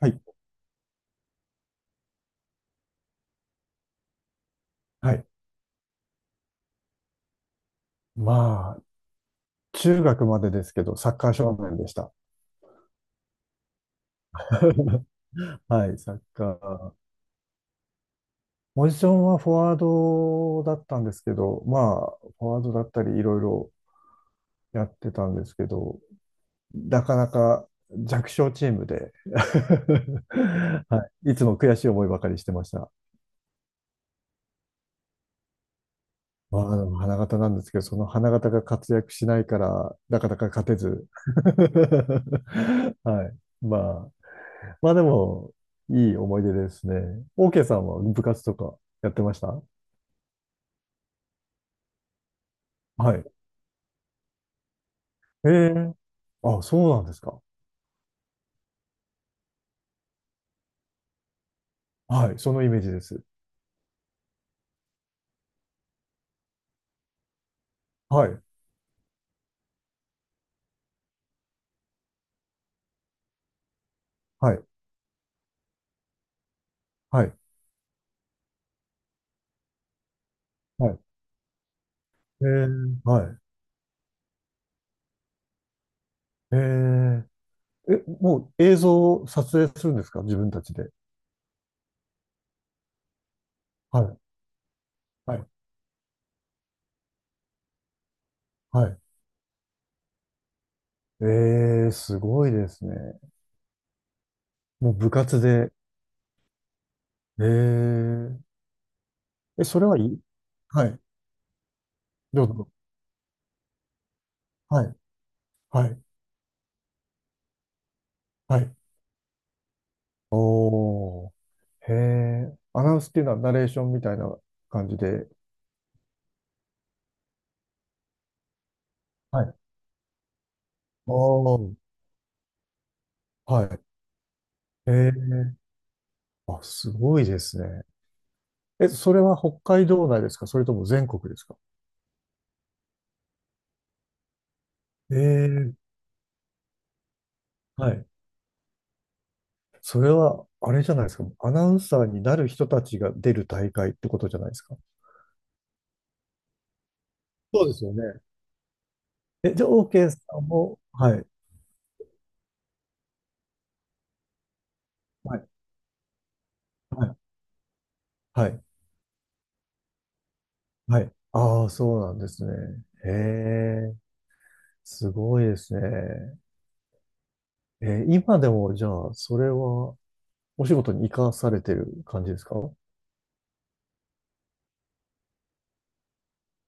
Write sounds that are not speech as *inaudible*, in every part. はい。はい。まあ、中学までですけど、サッカー少年でした。*laughs* はい、サッカー。ポジションはフォワードだったんですけど、まあ、フォワードだったりいろいろやってたんですけど、なかなか弱小チームで *laughs* はい、いつも悔しい思いばかりしてました。まあ、でも花形なんですけど、その花形が活躍しないから、なかなか勝てず。*laughs* はい。まあまあでも、いい思い出ですね。OK さんは部活とかやってましたはい。ええ。あ、そうなんですか。はい。そのイメージです。はい。はい。はい。はい。ええ。はい。えええ、もう映像を撮影するんですか、自分たちで？はい。はい。はい。ええ、すごいですね。もう部活で。ええ、え、それはいい。はい。どうぞ。はい。はい。はい。おー。へえ。アナウンスっていうのはナレーションみたいな感じで。はい。ああ、はい。へえ。あ、すごいですね。え、それは北海道内ですか、それとも全国ですか？ええ、はい。それは、あれじゃないですか。アナウンサーになる人たちが出る大会ってことじゃないですか。そうですよね。え、じゃあ、OK さんも、はい、はい、はい。はい、はい。ああ、そうなんですね。へえ、すごいですね。え、今でも、じゃあ、それは、お仕事に生かされてる感じですか？は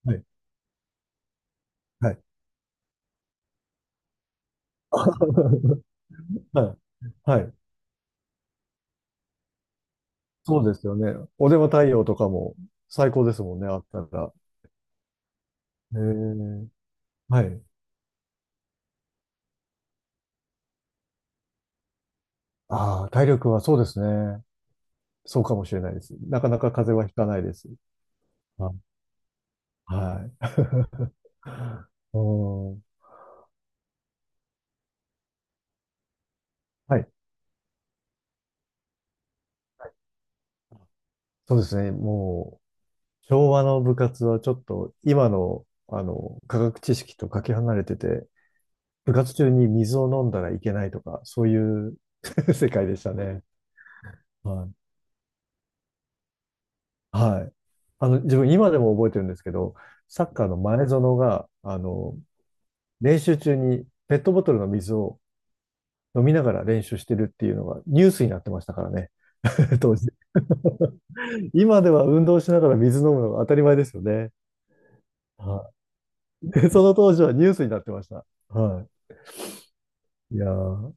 い。はい。*laughs* はい。はい。そうですよね。お電話対応とかも最高ですもんね、あったら。えーはい。ああ、体力はそうですね。そうかもしれないです。なかなか風邪はひかないです。あ、はい。*laughs* うん。はい。そうですね。もう、昭和の部活はちょっと今の、科学知識とかけ離れてて、部活中に水を飲んだらいけないとか、そういう *laughs* 世界でしたね。はい。はい。自分今でも覚えてるんですけど、サッカーの前園が、練習中にペットボトルの水を飲みながら練習してるっていうのがニュースになってましたからね。*laughs* 当時。*laughs* 今では運動しながら水飲むのが当たり前ですよね。はい。でその当時はニュースになってました。はい。いやー、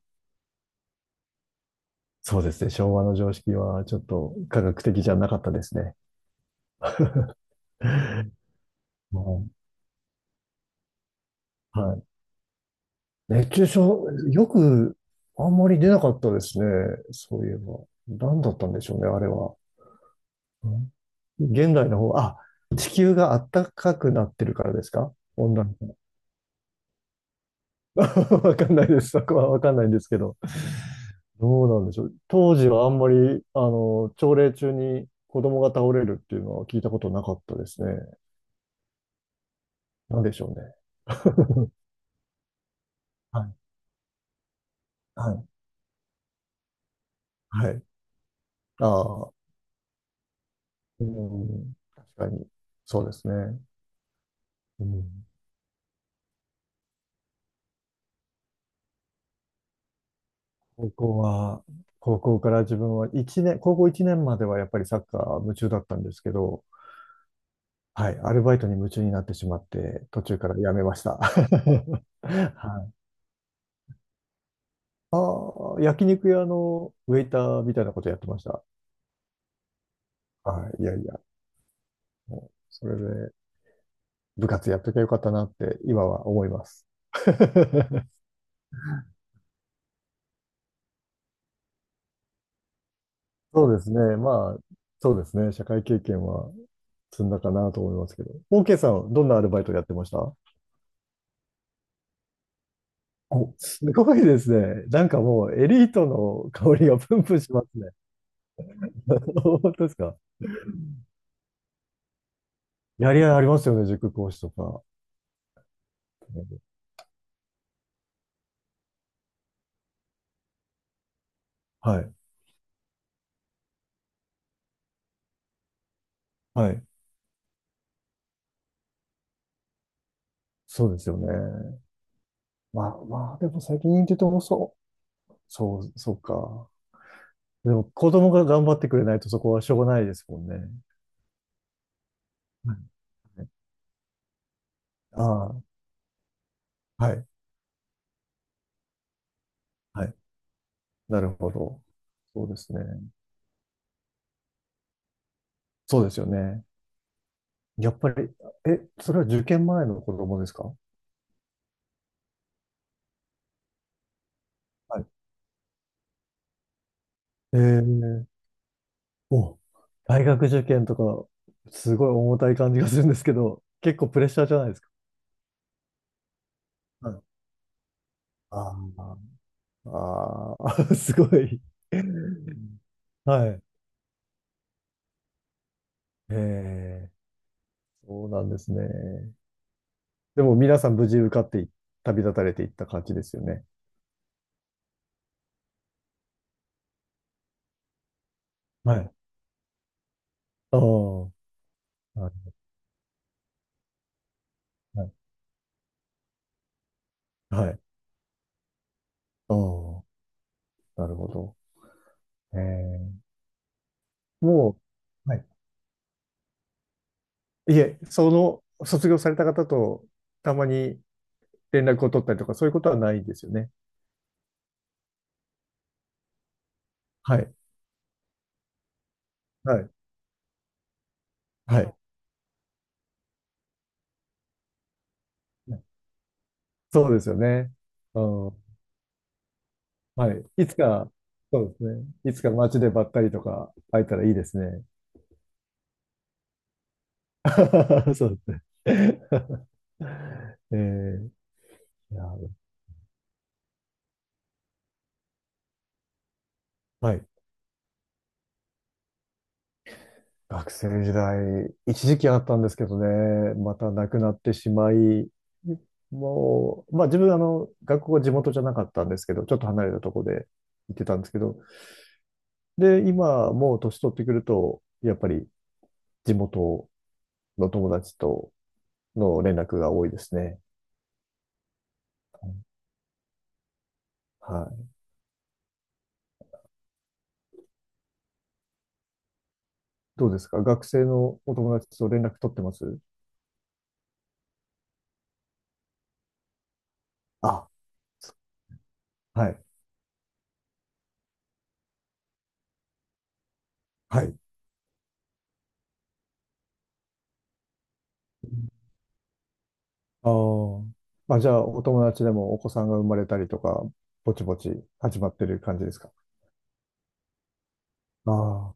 そうですね。昭和の常識はちょっと科学的じゃなかったですね。もう、はい。熱中症、よくあんまり出なかったですね。そういえば。何だったんでしょうね、あれは。うん。現代の方、あ、地球が暖かくなってるからですか、温暖化。*laughs* わかんないです。そこはわかんないんですけど。どうなんでしょう。当時はあんまり、朝礼中に子供が倒れるっていうのは聞いたことなかったですね。なんでしょうね。*laughs* はい。はい。はい。ああ、うん、確かに。そうですね。うん。高校は、高校から自分は高校1年まではやっぱりサッカー夢中だったんですけど、はい、アルバイトに夢中になってしまって、途中からやめました。*laughs* はい。ああ、焼肉屋のウェイターみたいなことやってました。はい、いやいや、もう、それで部活やっときゃよかったなって今は思います。*laughs* そうですね。まあ、そうですね。社会経験は積んだかなと思いますけど。OK さん、どんなアルバイトやってましたお、すごいですね。なんかもうエリートの香りがプンプンしますね。*laughs* 本当ですか？やりがいありますよね、塾講師とか。はい。はい。そうですよね。まあまあ、でも最近って言うとそう。そう、そうか。でも子供が頑張ってくれないとそこはしょうがないですもんね。はい。ああ、はい。はい。なるほど。そうですね。そうですよね。やっぱり、え、それは受験前の子供ですか？はい。ええ。お、大学受験とか、すごい重たい感じがするんですけど、結構プレッシャーじゃないですか。はい。ああ、あー *laughs* すごい。はい。ええ、そうなんですね。でも皆さん無事受かってい旅立たれていった感じですよね。はい。ああ、はい。はい。はい。ああ、なるほど。ええ、もう、はい。いえ、卒業された方とたまに連絡を取ったりとか、そういうことはないですよね。はい。はい。はい。そうですよね。うん。はい。いつか、そうですね。いつか街でばったりとか会えたらいいですね。*laughs* そうですね。*laughs* えー、いや、はい。学生時代、一時期あったんですけどね、またなくなってしまい、もう、まあ自分、学校は地元じゃなかったんですけど、ちょっと離れたとこで行ってたんですけど、で、今、もう年取ってくると、やっぱり地元の友達との連絡が多いですね。はい。どうですか、学生のお友達と連絡取ってますあ、はい。はい。ああ。まあ、じゃあ、お友達でもお子さんが生まれたりとか、ぼちぼち始まってる感じですか？ああー、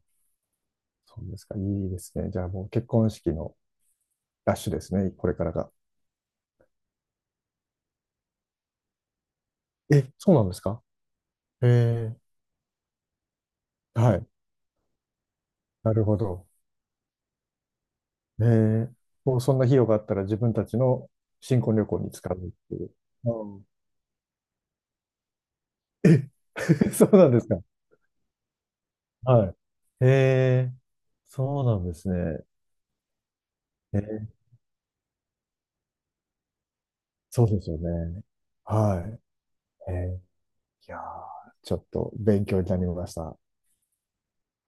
そうですか。いいですね。じゃあもう結婚式のラッシュですね。これからが。え、そうなんですか？ええ。はい。なるほど。ええ。もうそんな費用があったら自分たちの新婚旅行に使うっていう。うん。え、*laughs* そうなんですか？はい。ええ、そうなんですね。ええ、そうですよね。はい。ええ、いやー、ちょっと勉強になりました。